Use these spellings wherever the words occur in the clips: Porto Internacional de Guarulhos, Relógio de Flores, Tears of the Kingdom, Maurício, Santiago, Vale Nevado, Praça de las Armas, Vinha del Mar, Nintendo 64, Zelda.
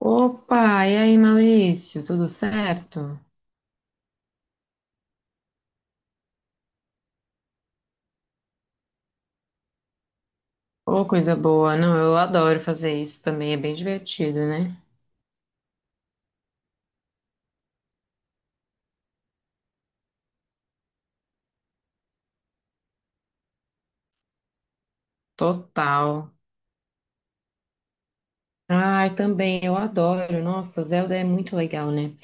Opa, e aí, Maurício, tudo certo? Ô, coisa boa. Não, eu adoro fazer isso também, é bem divertido, né? Total. Ai, também, eu adoro. Nossa, Zelda é muito legal, né?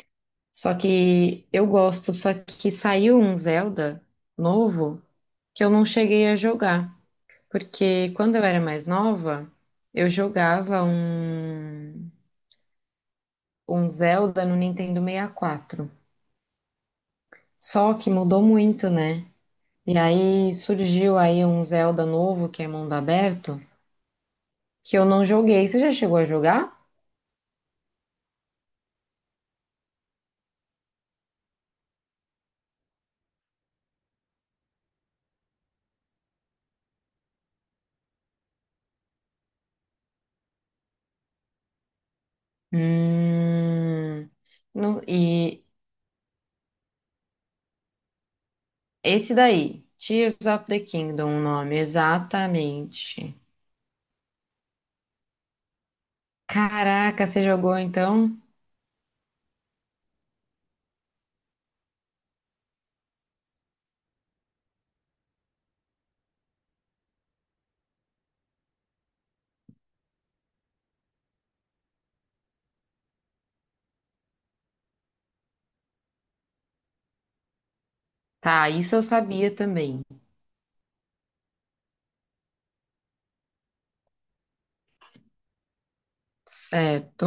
Só que eu gosto, só que saiu um Zelda novo que eu não cheguei a jogar. Porque quando eu era mais nova, eu jogava um Zelda no Nintendo 64. Só que mudou muito, né? E aí surgiu aí um Zelda novo, que é mundo aberto, que eu não joguei. Você já chegou a jogar? Hum, e esse daí, Tears of the Kingdom, o nome, exatamente. Caraca, você jogou então? Tá, isso eu sabia também. Certo.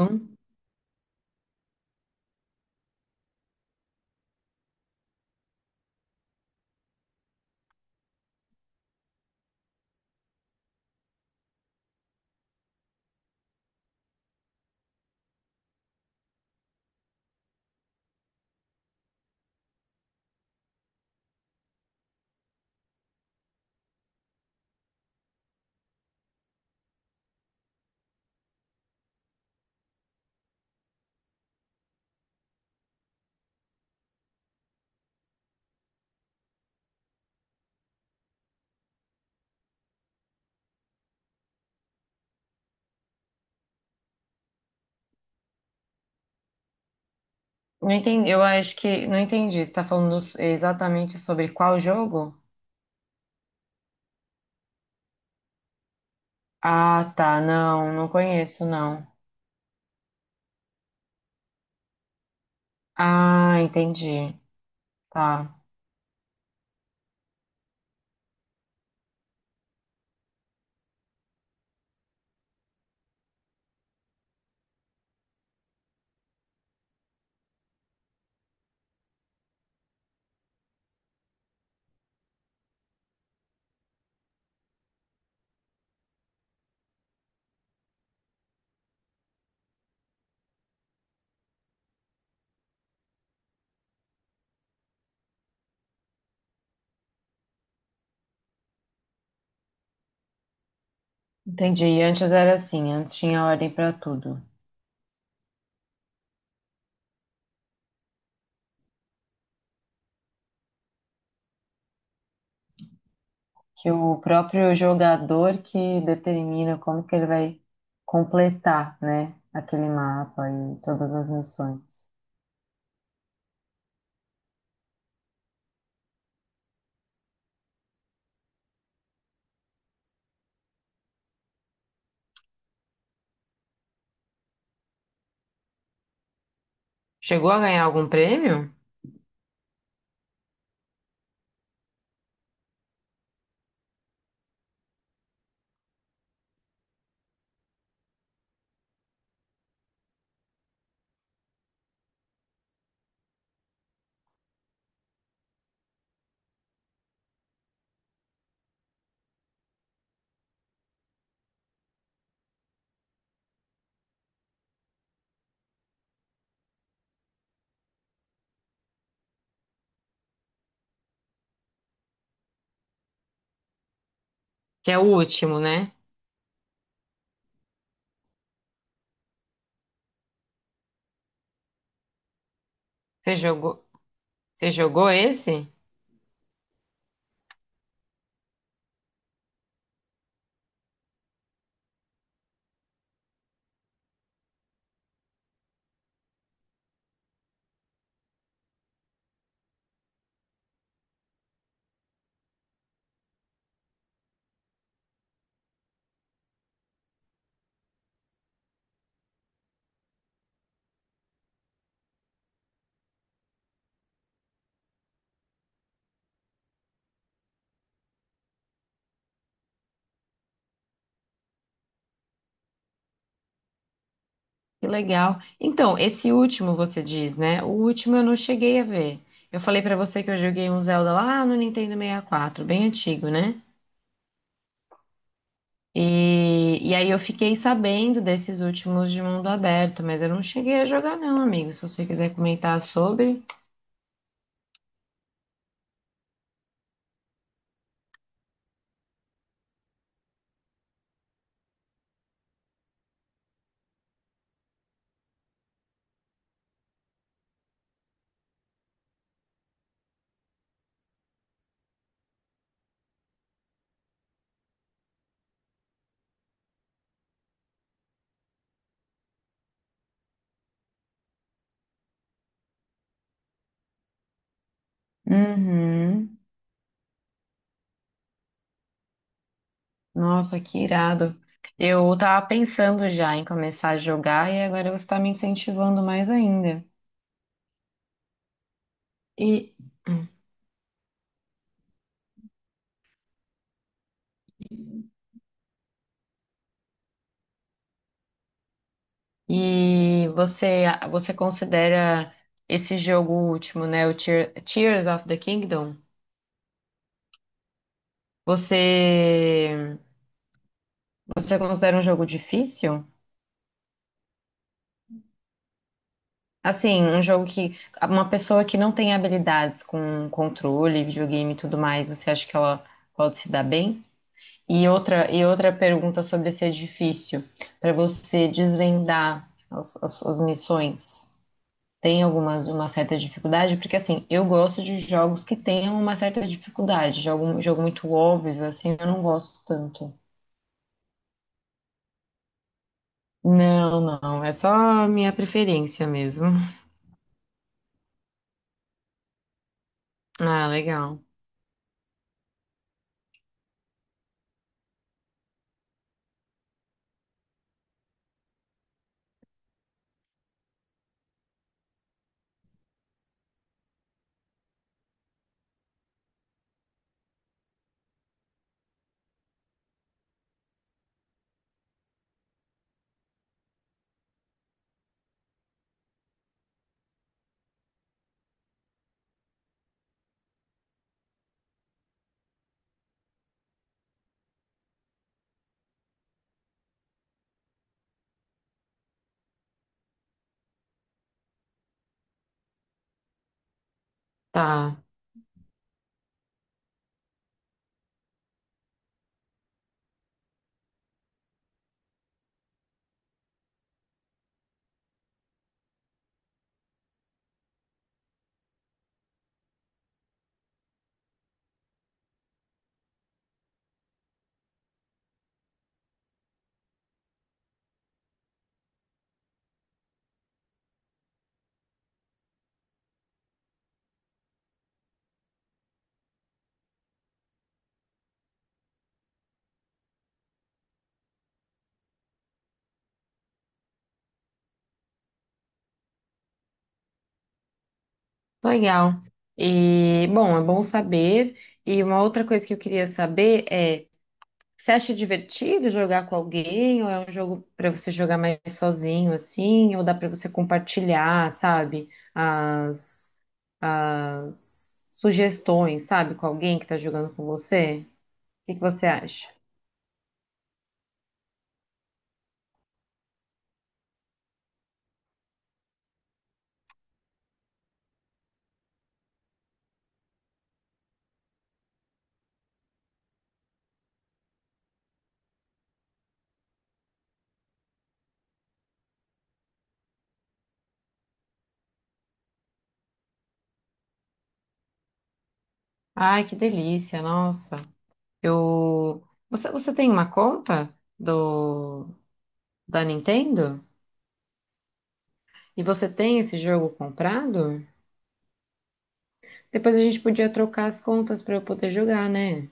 Não entendi, eu acho que não entendi. Você tá falando exatamente sobre qual jogo? Ah, tá, não, não conheço, não. Ah, entendi. Tá. Entendi. Antes era assim, antes tinha ordem para tudo. Que o próprio jogador que determina como que ele vai completar, né, aquele mapa e todas as missões. Chegou a ganhar algum prêmio? Que é o último, né? Você jogou, você jogou esse? Que legal. Então, esse último você diz, né? O último eu não cheguei a ver. Eu falei pra você que eu joguei um Zelda lá no Nintendo 64, bem antigo, né? E aí eu fiquei sabendo desses últimos de mundo aberto, mas eu não cheguei a jogar não, amigo. Se você quiser comentar sobre. Uhum. Nossa, que irado. Eu tava pensando já em começar a jogar e agora você tá me incentivando mais ainda. E, e você, você considera esse jogo último, né? O Tears of the Kingdom? Você, você considera um jogo difícil? Assim, um jogo que uma pessoa que não tem habilidades com controle, videogame e tudo mais, você acha que ela pode se dar bem? E outra pergunta sobre se é difícil para você desvendar as suas missões, tem alguma uma certa dificuldade? Porque assim, eu gosto de jogos que tenham uma certa dificuldade, jogo, jogo muito óbvio, assim, eu não gosto tanto. Não, não, é só minha preferência mesmo. Ah, legal. Tá. Legal. E, bom, é bom saber. E uma outra coisa que eu queria saber é, você acha divertido jogar com alguém ou é um jogo para você jogar mais sozinho assim, ou dá para você compartilhar, sabe, as as sugestões, sabe, com alguém que tá jogando com você? O que que você acha? Ai, que delícia, nossa. Eu Você tem uma conta do da Nintendo? E você tem esse jogo comprado? Depois a gente podia trocar as contas para eu poder jogar, né?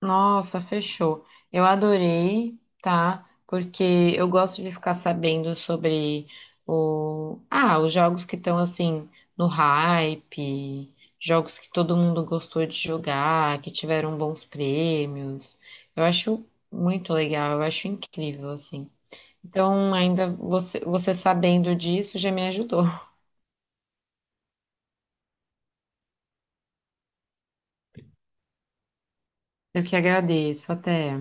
Nossa, fechou. Eu adorei, tá? Porque eu gosto de ficar sabendo sobre ah, os jogos que estão assim no hype, jogos que todo mundo gostou de jogar, que tiveram bons prêmios. Eu acho muito legal, eu acho incrível assim. Então, ainda você sabendo disso já me ajudou. Eu que agradeço. Até.